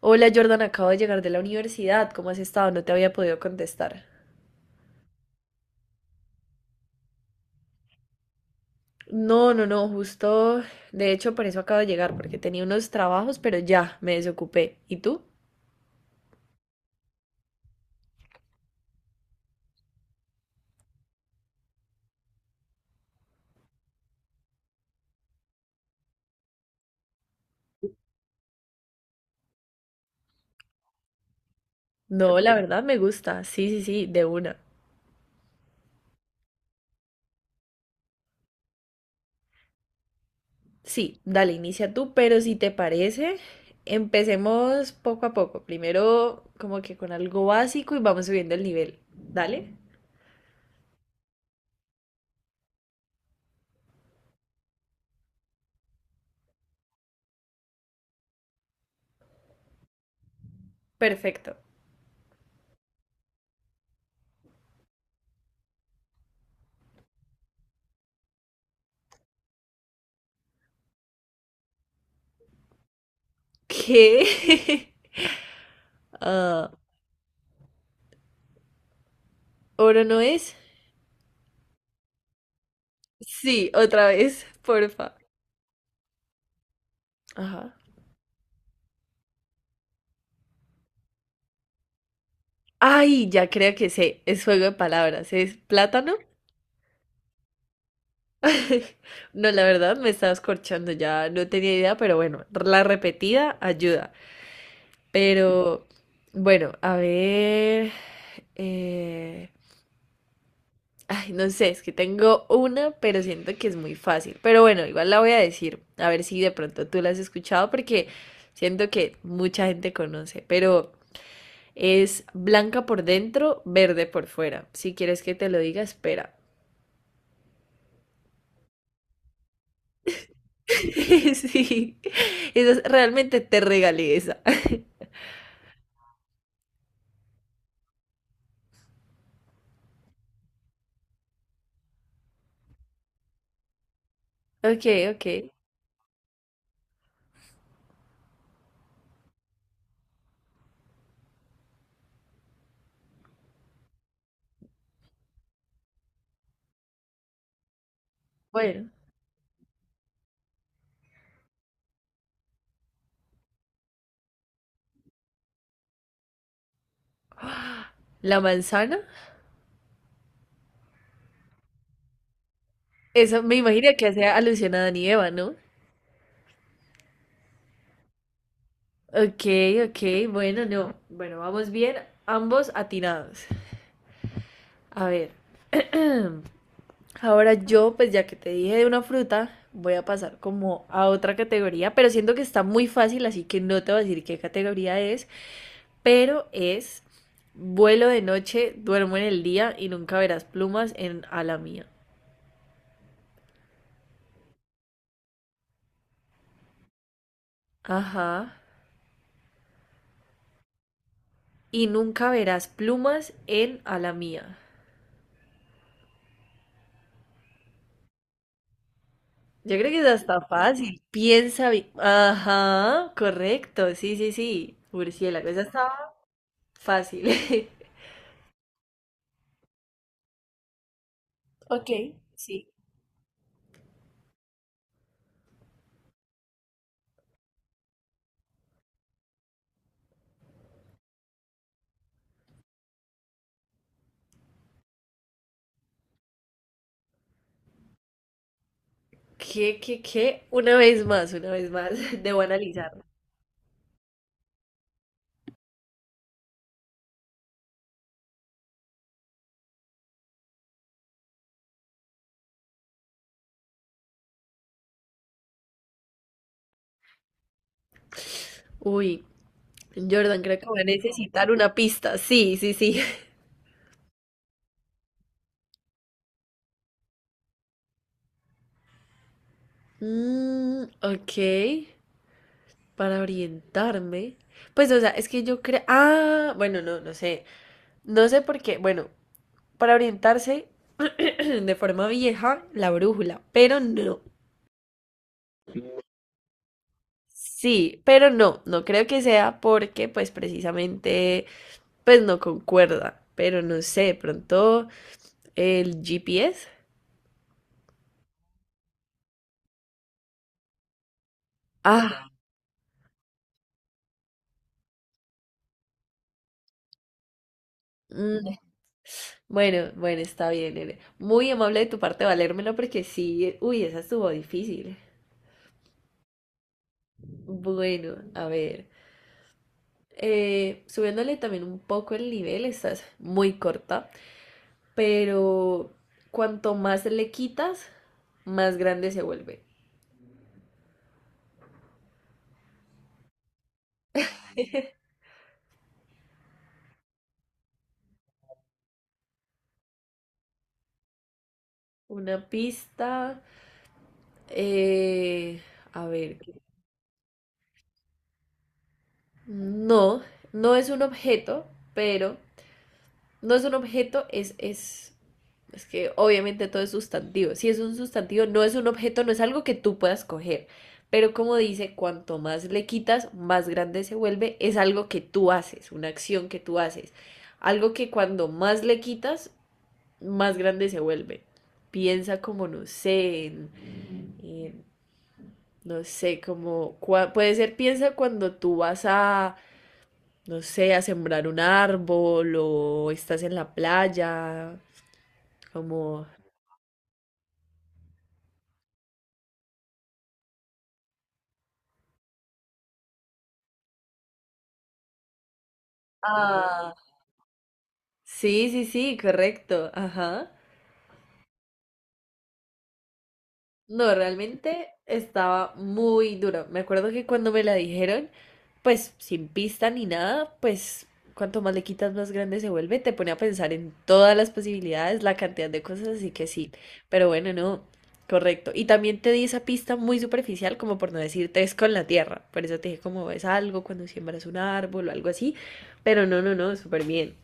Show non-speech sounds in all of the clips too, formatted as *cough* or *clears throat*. Hola Jordan, acabo de llegar de la universidad. ¿Cómo has estado? No te había podido contestar. No, no, no, justo. De hecho, por eso acabo de llegar, porque tenía unos trabajos, pero ya me desocupé. ¿Y tú? No, la verdad me gusta. Sí, sí, sí, de una. Sí, dale, inicia tú, pero si te parece, empecemos poco a poco. Primero, como que con algo básico y vamos subiendo el nivel. ¿Dale? Perfecto. ¿Qué? *laughs* Ah, ¿oro no es? Sí, otra vez, porfa. Ajá. Ay, ya creo que sé, es juego de palabras, es plátano. *laughs* No, la verdad me estabas corchando, ya no tenía idea, pero bueno, la repetida ayuda. Pero bueno, a ver. eh, Ay, no sé, es que tengo una, pero siento que es muy fácil. Pero bueno, igual la voy a decir, a ver si de pronto tú la has escuchado, porque siento que mucha gente conoce, pero es blanca por dentro, verde por fuera. Si quieres que te lo diga, espera. *laughs* Sí, realmente te regalé esa. *laughs* Ok, ok. Bueno, la manzana. Eso me imagino que hace alusión a Adán y Eva, ¿no? Ok, ok, bueno, no. Bueno, vamos bien, ambos atinados. A ver, ahora yo, pues ya que te dije de una fruta, voy a pasar como a otra categoría, pero siento que está muy fácil, así que no te voy a decir qué categoría es, pero es vuelo de noche, duermo en el día y nunca verás plumas en ala mía. Ajá. Y nunca verás plumas en a la mía. Yo creo que es hasta fácil. Piensa bien. Ajá, correcto. Sí, sí, sí. Murciélago, esa estaba fácil. *laughs* Ok, sí. ¿Qué, qué, qué? Una vez más, una vez más. *laughs* Debo analizarlo. Uy, Jordan, creo que voy a necesitar una pista. Sí, sí, sí. *laughs* Mm, ok. Para orientarme. Pues, o sea, es que yo creo. Ah, bueno, no, no sé. No sé por qué. Bueno, para orientarse *clears throat* de forma vieja la brújula, pero no. Sí, pero no, no creo que sea porque pues precisamente pues no concuerda, pero no sé, pronto el GPS. Ah, mm, bueno, bueno, está bien, Ere. Muy amable de tu parte valérmelo porque sí, uy, esa estuvo difícil. Bueno, a ver, subiéndole también un poco el nivel, estás muy corta. Pero cuanto más le quitas, más grande se vuelve. *laughs* Una pista, eh, a ver, no, no es un objeto, pero no es un objeto, es que obviamente todo es sustantivo. Si es un sustantivo, no es un objeto, no es algo que tú puedas coger. Pero como dice, cuanto más le quitas, más grande se vuelve. Es algo que tú haces, una acción que tú haces. Algo que cuando más le quitas, más grande se vuelve. Piensa como, no sé, en- no sé, como, puede ser piensa cuando tú vas a, no sé, a sembrar un árbol o estás en la playa, como... Ah, sí, sí, sí, correcto, ajá. No, realmente estaba muy duro. Me acuerdo que cuando me la dijeron, pues sin pista ni nada, pues cuanto más le quitas, más grande se vuelve. Te pone a pensar en todas las posibilidades, la cantidad de cosas, así que sí. Pero bueno, no, correcto. Y también te di esa pista muy superficial, como por no decirte es con la tierra. Por eso te dije como es algo cuando siembras un árbol o algo así. Pero no, no, no, súper bien.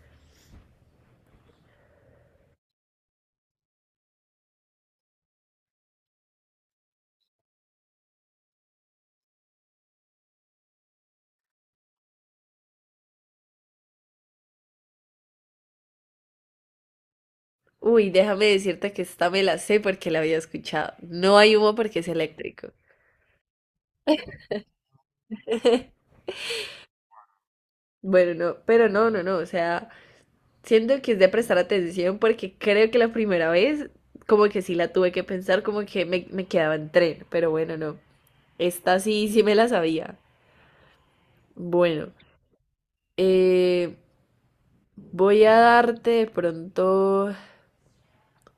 Uy, déjame decirte que esta me la sé porque la había escuchado. No hay humo porque es eléctrico. *laughs* Bueno, no, pero no, no, no, o sea, siento que es de prestar atención porque creo que la primera vez como que sí la tuve que pensar, como que me quedaba en tren, pero bueno, no, esta sí, sí me la sabía. Bueno, eh, voy a darte de pronto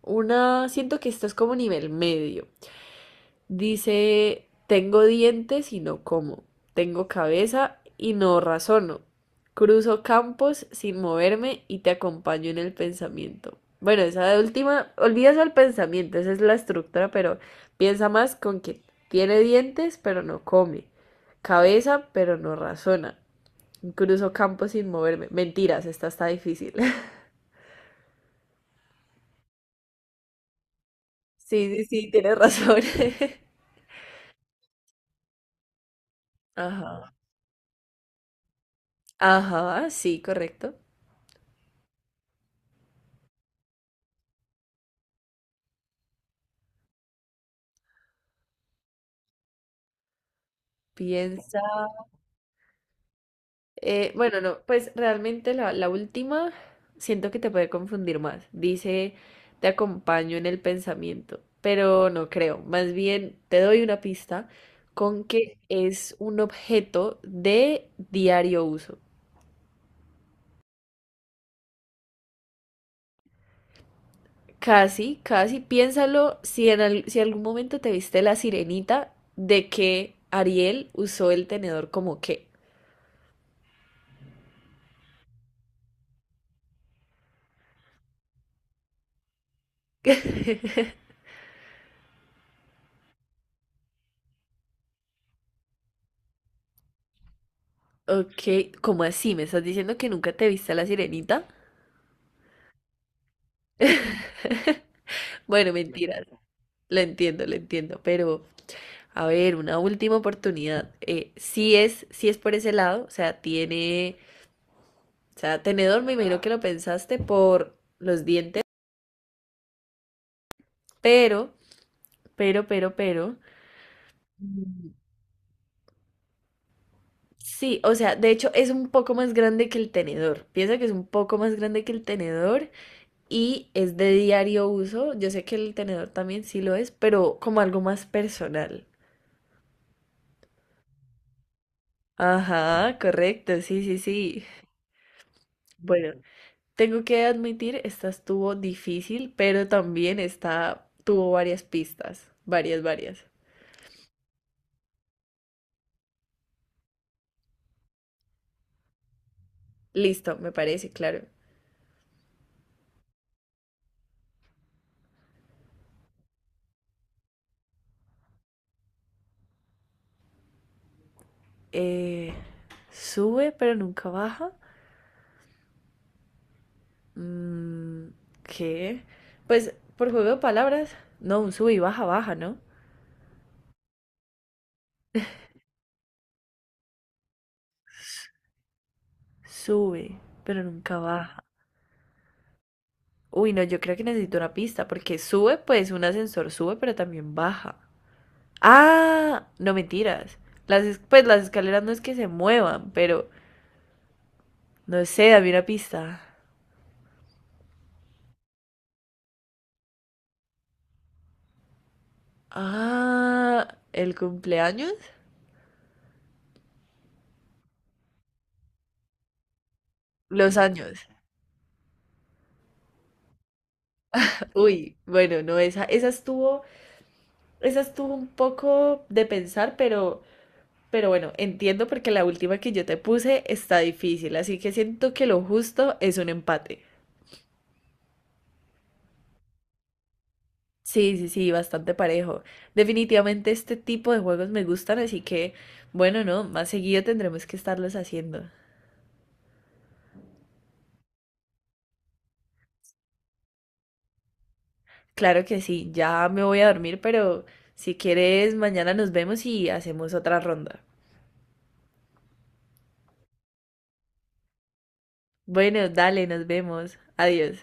una, siento que esto es como nivel medio. Dice, tengo dientes y no como, tengo cabeza y no razono, cruzo campos sin moverme y te acompaño en el pensamiento. Bueno, esa de última, olvídate el pensamiento, esa es la estructura, pero piensa más con que tiene dientes pero no come, cabeza pero no razona, cruzo campos sin moverme. Mentiras, esta está difícil. *laughs* Sí, sí, sí, tienes razón. *laughs* Ajá. Ajá, sí, correcto. Piensa. Bueno, no, pues realmente la última siento que te puede confundir más. Dice, te acompaño en el pensamiento, pero no creo. Más bien, te doy una pista con que es un objeto de diario uso. Casi, casi, piénsalo si algún momento te viste la sirenita de que Ariel usó el tenedor como qué. *laughs* Ok, ¿cómo así? ¿Me estás diciendo que nunca te viste a la sirenita? *laughs* Bueno, mentiras. Lo entiendo, pero a ver, una última oportunidad. Si es por ese lado, o sea, tiene, o sea, tenedor, me imagino que lo pensaste por los dientes, pero, pero, mm, sí, o sea, de hecho es un poco más grande que el tenedor. Piensa que es un poco más grande que el tenedor y es de diario uso. Yo sé que el tenedor también sí lo es, pero como algo más personal. Ajá, correcto, sí, sí, sí. Bueno. Tengo que admitir, esta estuvo difícil, pero también esta tuvo varias pistas, varias, varias. Listo, me parece, claro. Eh, sube, pero nunca baja. Mm, ¿qué? Pues por juego de palabras, no, un sube y baja, baja, ¿no? Sube, pero nunca baja. Uy, no, yo creo que necesito una pista, porque sube, pues un ascensor sube, pero también baja. Ah, no mentiras. Pues las escaleras no es que se muevan, pero... No sé, dame una pista. Ah, el cumpleaños. Los años. *laughs* Uy, bueno, no, esa estuvo un poco de pensar, pero bueno, entiendo porque la última que yo te puse está difícil, así que siento que lo justo es un empate. Sí, sí, sí, bastante parejo. Definitivamente este tipo de juegos me gustan, así que, bueno, no, más seguido tendremos que estarlos haciendo. Claro que sí, ya me voy a dormir, pero si quieres, mañana nos vemos y hacemos otra ronda. Bueno, dale, nos vemos. Adiós.